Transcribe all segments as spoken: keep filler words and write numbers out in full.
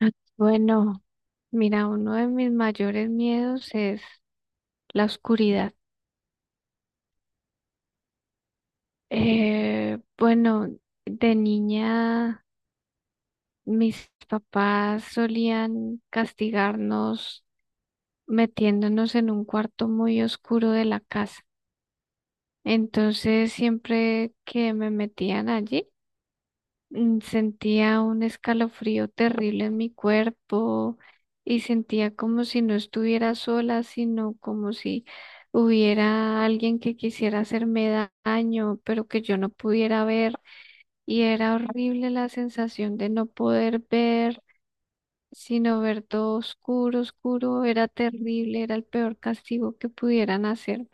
Ah, Bueno, Mira, uno de mis mayores miedos es la oscuridad. Eh, bueno, de niña mis papás solían castigarnos metiéndonos en un cuarto muy oscuro de la casa. Entonces, siempre que me metían allí, mm, sentía un escalofrío terrible en mi cuerpo y sentía como si no estuviera sola, sino como si hubiera alguien que quisiera hacerme da- daño, pero que yo no pudiera ver. Y era horrible la sensación de no poder ver, sino ver todo oscuro, oscuro. Era terrible, era el peor castigo que pudieran hacerme.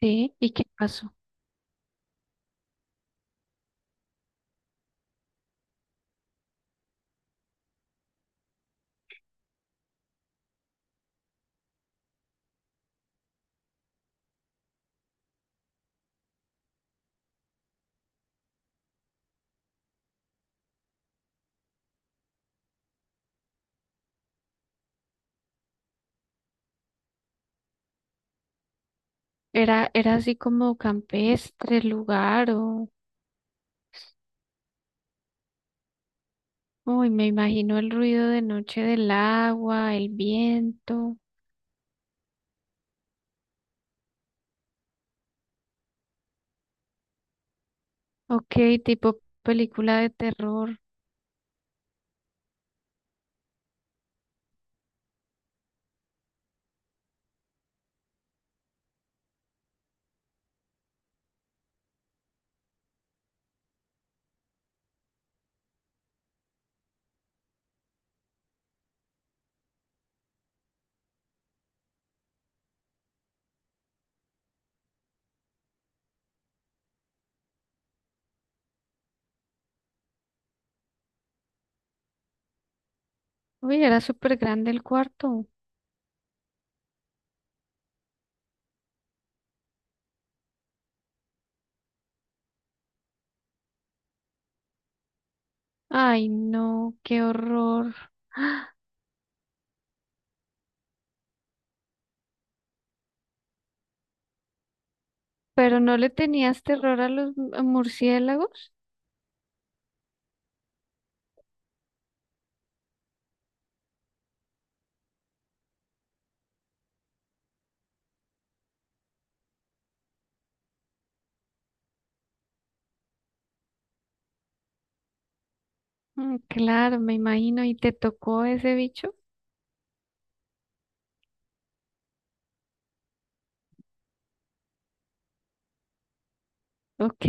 Sí, ¿y qué pasó? ¿Era, era así como campestre el lugar o...? Uy, me imagino el ruido de noche del agua, el viento. Ok, tipo película de terror. Uy, era súper grande el cuarto. Ay, no, qué horror. ¡Ah! ¿Pero no le tenías terror a los mu- murciélagos? Mm, claro, me imagino. ¿Y te tocó ese bicho? Ok.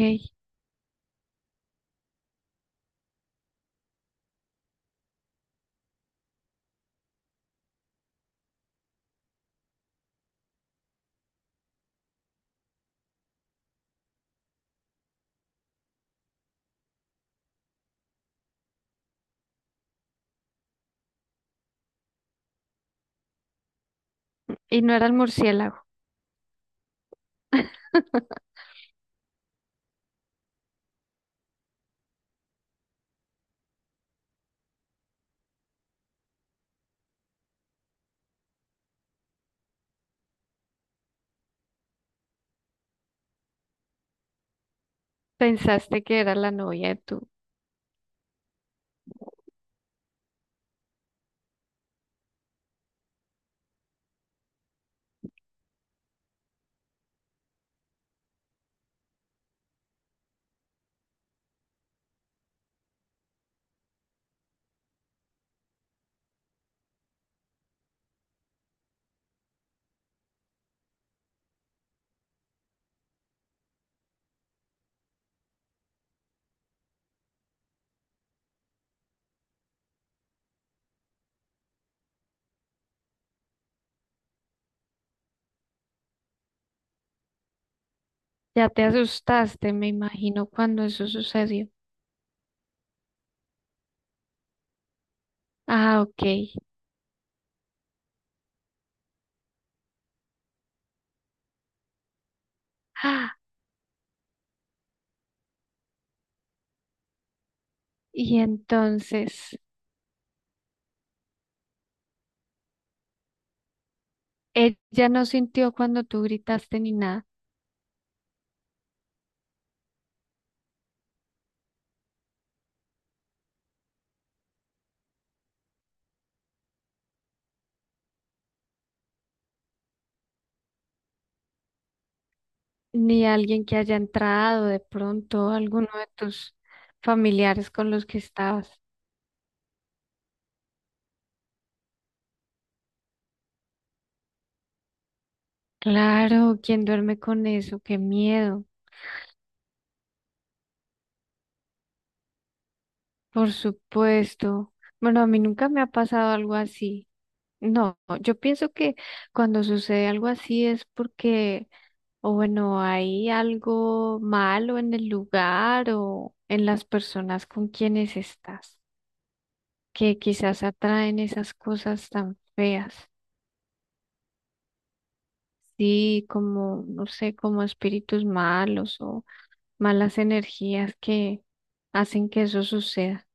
Y no era el murciélago. Pensaste que era la novia de tu... Ya te asustaste, me imagino, cuando eso sucedió. Ah, ok. Ah, y entonces, ella no sintió cuando tú gritaste ni nada, ni alguien que haya entrado de pronto, alguno de tus familiares con los que estabas. Claro, ¿quién duerme con eso? Qué miedo, por supuesto. Bueno, a mí nunca me ha pasado algo así. No, yo pienso que cuando sucede algo así es porque, o bueno, hay algo malo en el lugar o en las personas con quienes estás, que quizás atraen esas cosas tan feas. Sí, como, no sé, como espíritus malos o malas energías que hacen que eso suceda.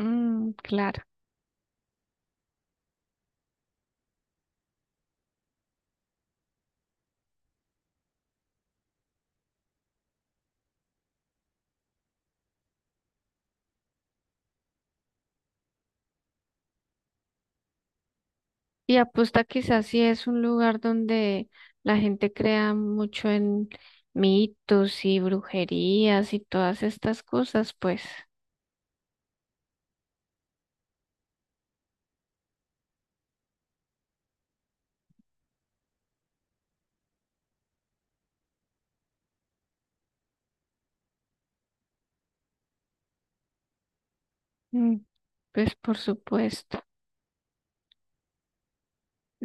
Mm, claro. Y apuesta quizás sí es un lugar donde la gente crea mucho en mitos y brujerías y todas estas cosas, pues, mm, pues por supuesto.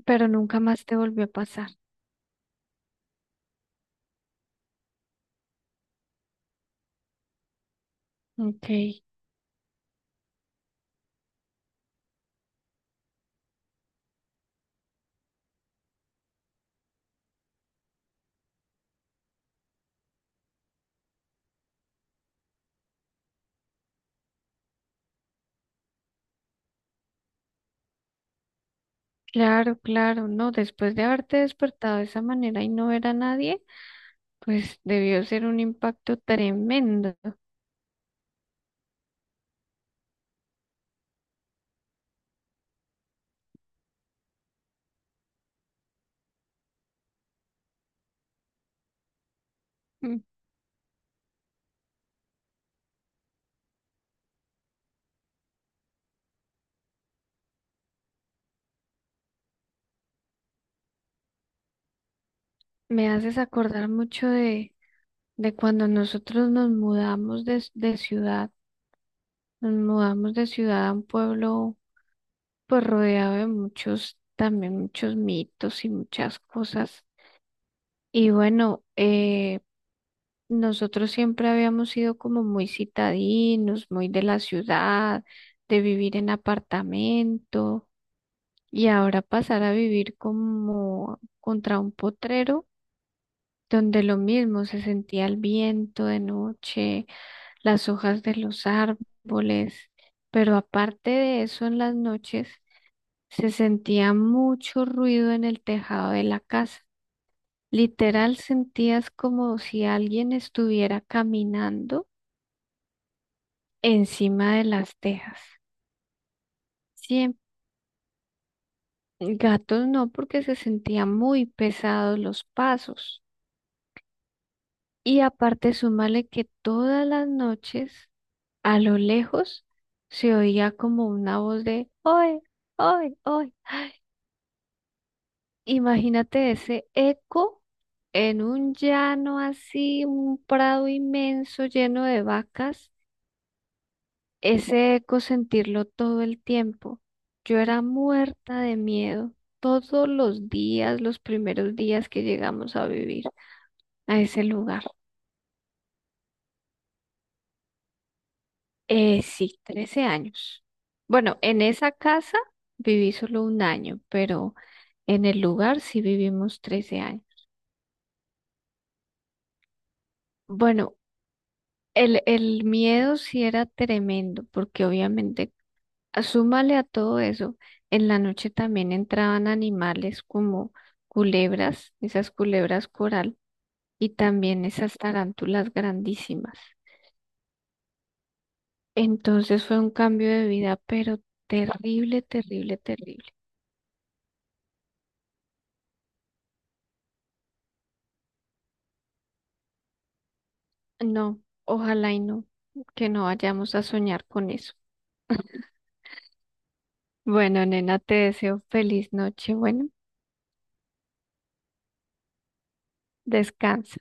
Pero nunca más te volvió a pasar. Ok, claro, claro. No, después de haberte despertado de esa manera y no ver a nadie, pues debió ser un impacto tremendo. Mm, me haces acordar mucho de, de cuando nosotros nos mudamos de de ciudad. Nos mudamos de ciudad a un pueblo pues rodeado de muchos, también muchos mitos y muchas cosas. Y bueno, eh, nosotros siempre habíamos sido como muy citadinos, muy de la ciudad, de vivir en apartamento y ahora pasar a vivir como contra un potrero, donde lo mismo se sentía el viento de noche, las hojas de los árboles, pero aparte de eso en las noches se sentía mucho ruido en el tejado de la casa. Literal sentías como si alguien estuviera caminando encima de las tejas. Siempre. Gatos no, porque se sentían muy pesados los pasos. Y aparte, súmale que todas las noches, a lo lejos, se oía como una voz de, ¡Oye, oye, oye! Imagínate ese eco en un llano así, un prado inmenso lleno de vacas, ese eco sentirlo todo el tiempo. Yo era muerta de miedo todos los días, los primeros días que llegamos a vivir a ese lugar. Eh, sí, trece años. Bueno, en esa casa viví solo un año, pero en el lugar sí vivimos trece años. Bueno, El, el miedo sí era tremendo, porque obviamente, a- súmale a todo eso, en la noche también entraban animales como culebras, esas culebras coral, y también esas tarántulas grandísimas. Entonces fue un cambio de vida, pero terrible, terrible, terrible. No, ojalá y no, que no vayamos a soñar con eso. Bueno, nena, te deseo feliz noche. Bueno, descansa.